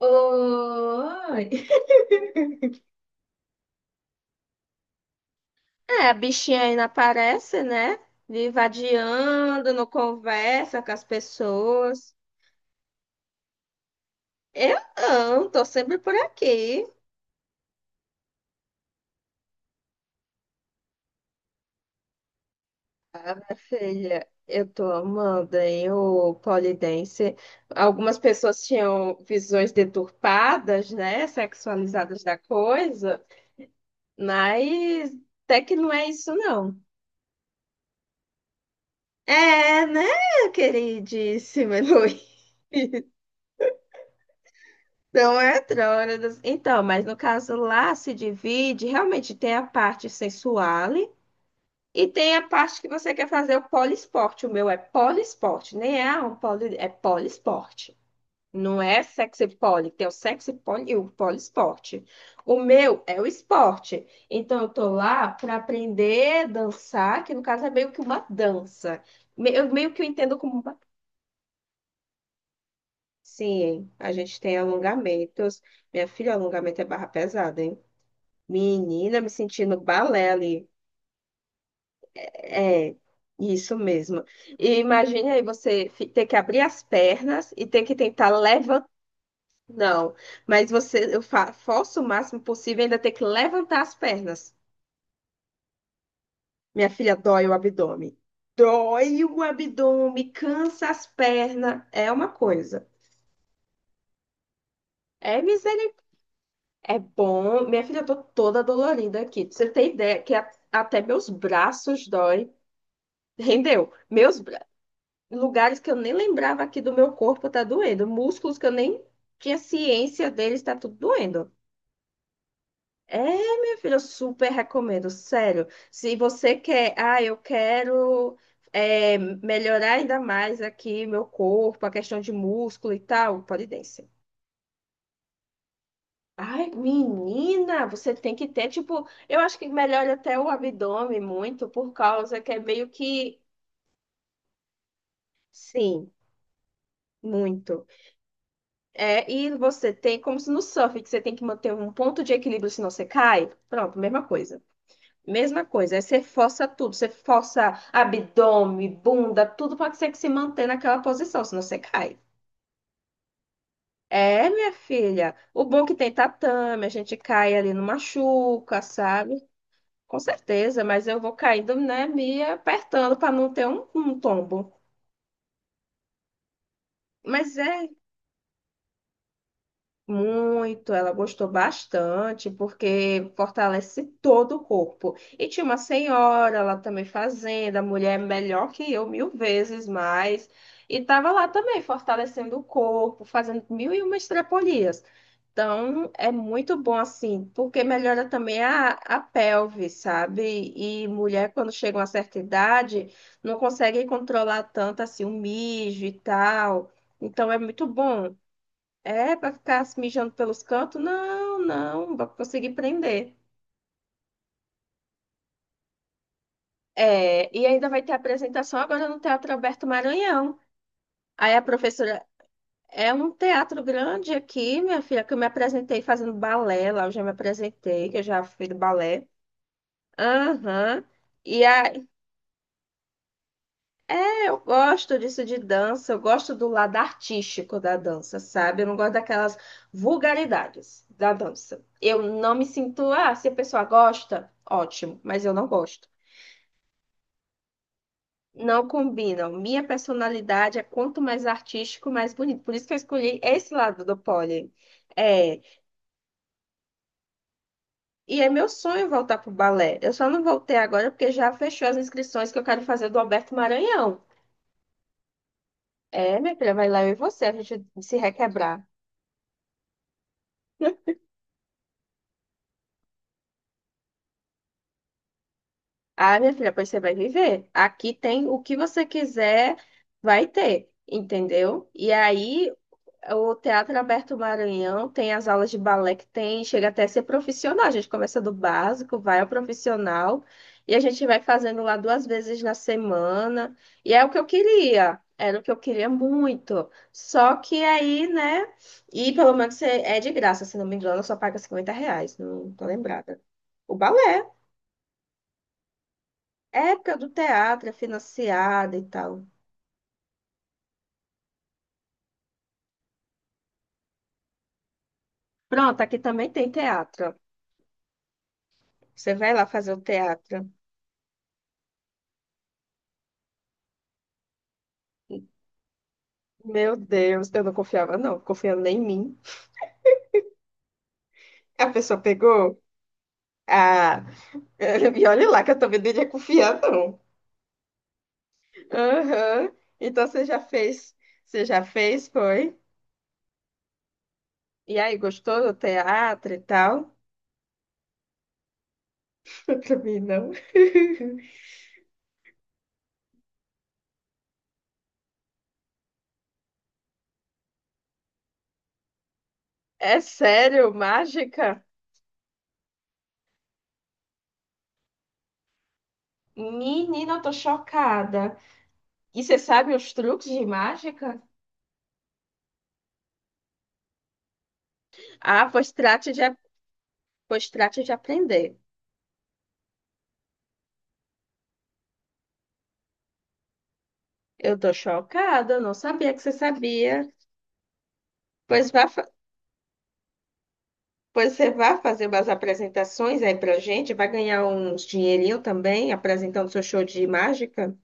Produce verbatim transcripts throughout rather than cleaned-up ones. Oi! É, a bichinha ainda aparece, né? Viva adiando, não conversa com as pessoas. Eu não, tô sempre por aqui. Ah, minha filha, eu tô amando, hein, o Polidense. Algumas pessoas tinham visões deturpadas, né? Sexualizadas da coisa, mas até que não é isso, não. É, né, queridíssima Heloísa? Não é Trônidas. Então, mas no caso lá se divide, realmente tem a parte sensual e tem a parte que você quer fazer o poliesporte. O meu é poliesporte, nem é um poli, é poliesporte. Não é sexy poly, tem o sexy poly e o poliesporte. O meu é o esporte. Então, eu tô lá para aprender a dançar, que no caso é meio que uma dança. Me- Eu meio que eu entendo como uma... Sim, a gente tem alongamentos. Minha filha, alongamento é barra pesada, hein? Menina, me sentindo balé ali. É, isso mesmo. E imagine aí você fi- ter que abrir as pernas e ter que tentar levantar. Não, mas você, eu fa- forço o máximo possível e ainda ter que levantar as pernas. Minha filha, dói o abdômen. Dói o abdômen, cansa as pernas. É uma coisa. É misericórdia. É bom. Minha filha, eu tô toda dolorida aqui. Pra você ter ideia que a- até meus braços dói. Rendeu. Meus lugares que eu nem lembrava aqui do meu corpo tá doendo, músculos que eu nem tinha ciência deles tá tudo doendo. É, minha filha, eu super recomendo, sério. Se você quer, ah, eu quero é, melhorar ainda mais aqui meu corpo, a questão de músculo e tal, pole dance. Ai, menina, você tem que ter, tipo, eu acho que melhora até o abdômen muito, por causa que é meio que, sim, muito. É, e você tem, como se no surf, que você tem que manter um ponto de equilíbrio, senão você cai. Pronto, mesma coisa. Mesma coisa. Aí você força tudo, você força abdômen, bunda, tudo para que você que se manter naquela posição, senão você cai. É, minha filha. O bom é que tem tatame, a gente cai ali, não machuca, sabe? Com certeza, mas eu vou caindo, né, me apertando para não ter um, um tombo. Mas é Muito, ela gostou bastante, porque fortalece todo o corpo. E tinha uma senhora lá também fazendo, a mulher é melhor que eu, mil vezes mais. E estava lá também fortalecendo o corpo, fazendo mil e uma estripolias. Então, é muito bom assim, porque melhora também a, a pelve, sabe? E mulher, quando chega a uma certa idade, não consegue controlar tanto assim o mijo e tal. Então, é muito bom. É, para ficar se mijando pelos cantos? Não, não, pra conseguir prender. É, e ainda vai ter apresentação agora no Teatro Alberto Maranhão. Aí a professora, é um teatro grande aqui, minha filha, que eu me apresentei fazendo balé lá, eu já me apresentei, que eu já fui do balé. Aham. E aí, é, eu gosto disso de dança, eu gosto do lado artístico da dança, sabe? Eu não gosto daquelas vulgaridades da dança. Eu não me sinto, ah, se a pessoa gosta, ótimo, mas eu não gosto. Não combinam. Minha personalidade é quanto mais artístico, mais bonito. Por isso que eu escolhi esse lado do pole. É, e é meu sonho voltar pro balé. Eu só não voltei agora porque já fechou as inscrições que eu quero fazer do Alberto Maranhão. É, minha filha, vai lá eu e você, a gente se requebrar. Ah, minha filha, pois você vai viver. Aqui tem o que você quiser, vai ter, entendeu? E aí O Teatro Aberto Maranhão tem as aulas de balé que tem, chega até a ser profissional. A gente começa do básico, vai ao profissional e a gente vai fazendo lá duas vezes na semana. E é o que eu queria, era o que eu queria muito. Só que aí, né? E pelo menos é é de graça, se não me engano, só paga cinquenta reais, não tô lembrada. O balé, época do teatro, é financiada e tal. Pronto, aqui também tem teatro. Você vai lá fazer o teatro. Meu Deus, eu não confiava, não. Confiando nem em mim. A pessoa pegou. Ah, e olha lá que eu também não ia confiar, não. Aham. Então você já fez. Você já fez, foi? E aí, gostou do teatro e tal? Eu também não. É sério, mágica? Menina, eu tô chocada. E você sabe os truques de mágica? Ah, pois trate de, pois trate de aprender. Eu tô chocada, eu não sabia que você sabia. Pois vá Pois você vai fazer umas apresentações aí pra gente, vai ganhar uns dinheirinho também apresentando seu show de mágica.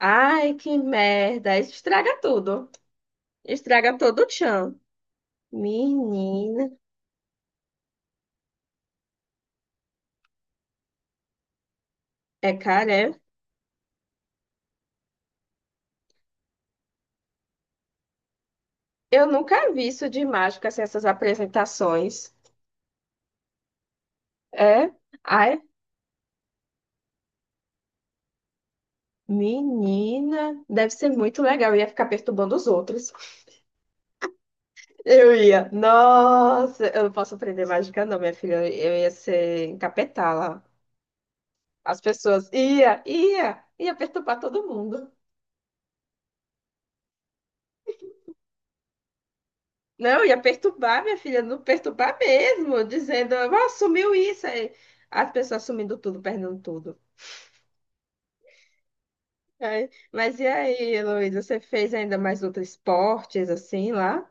Ai, que merda, isso estraga tudo. Estraga todo o tchan. Menina, é cara, é. Eu nunca vi isso de mágica, assim, essas apresentações. É? Ai, menina, deve ser muito legal. Eu ia ficar perturbando os outros. Eu ia, nossa, eu não posso aprender mágica, não, minha filha. Eu ia ser encapetada. As pessoas ia, ia, ia perturbar todo mundo. Não, ia perturbar, minha filha, não perturbar mesmo, dizendo, ó, sumiu isso aí. As pessoas sumindo tudo, perdendo tudo. Aí, mas e aí, Heloísa, você fez ainda mais outros esportes assim lá?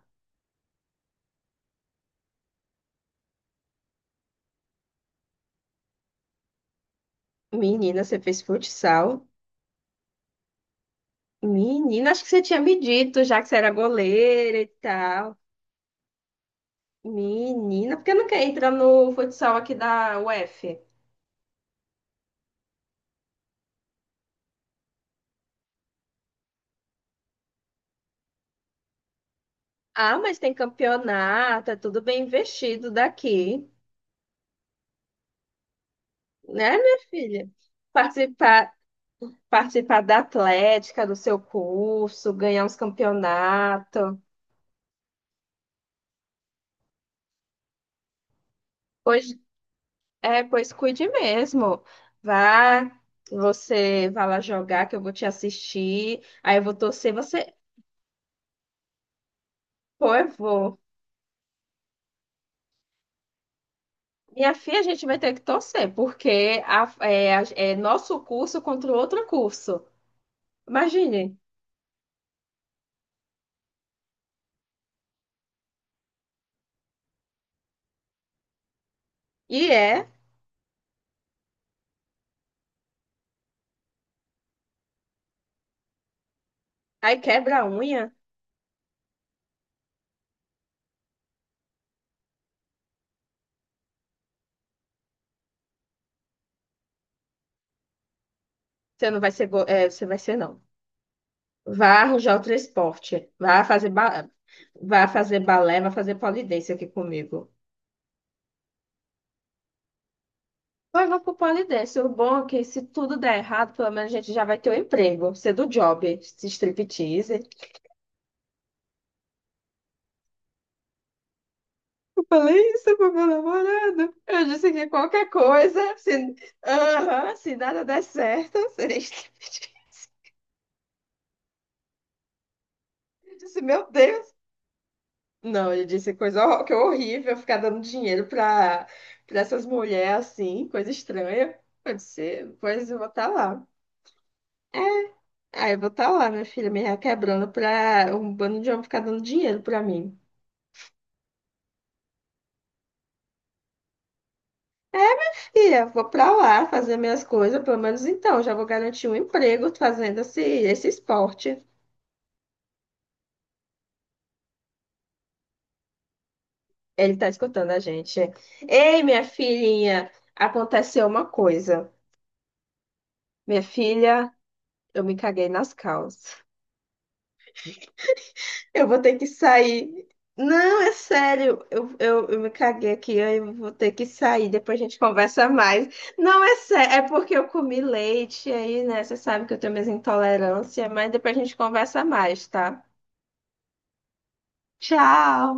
Menina, você fez futsal? Menina, acho que você tinha me dito já que você era goleira e tal. Menina, por que nunca entra no futsal aqui da U F? Ah, mas tem campeonato, é tudo bem investido daqui. Né, minha filha? Participar, participar da atlética, do seu curso, ganhar uns campeonatos. Pois, é, pois cuide mesmo. Vá, você vai lá jogar, que eu vou te assistir. Aí eu vou torcer, você. Pô, eu vou. Minha filha, a gente vai ter que torcer, porque a- é, a- é nosso curso contra o outro curso. Imagine. E é, aí quebra a unha. Você não vai ser, go- é, você vai ser, não. Vá arranjar o transporte. Vá fazer, ba... vá fazer balé, vá fazer polidência aqui comigo. Vai, vamos pro polidência. O bom é que se tudo der errado, pelo menos a gente já vai ter o emprego. Ser do job, se striptease. Eu falei isso pro meu namorado. Eu disse que qualquer coisa, se, Aham, se nada der certo, seria striptease. Eu disse, meu Deus. Não, ele disse coisa hor- que horrível, ficar dando dinheiro pra, pra essas mulheres assim, coisa estranha. Pode ser, pois eu vou estar lá. É, aí eu vou estar lá, minha filha, me requebrando pra um bando de homem ficar dando dinheiro pra mim. É, filha, vou pra lá fazer minhas coisas, pelo menos então, já vou garantir um emprego fazendo esse, esse esporte. Ele tá escutando a gente. Ei, minha filhinha, aconteceu uma coisa. Minha filha, eu me caguei nas calças. Eu vou ter que sair. Não, é sério. Eu, eu, eu me caguei aqui, aí eu vou ter que sair. Depois a gente conversa mais. Não, é sério. É porque eu comi leite aí, né? Você sabe que eu tenho minhas intolerâncias, mas depois a gente conversa mais, tá? Tchau!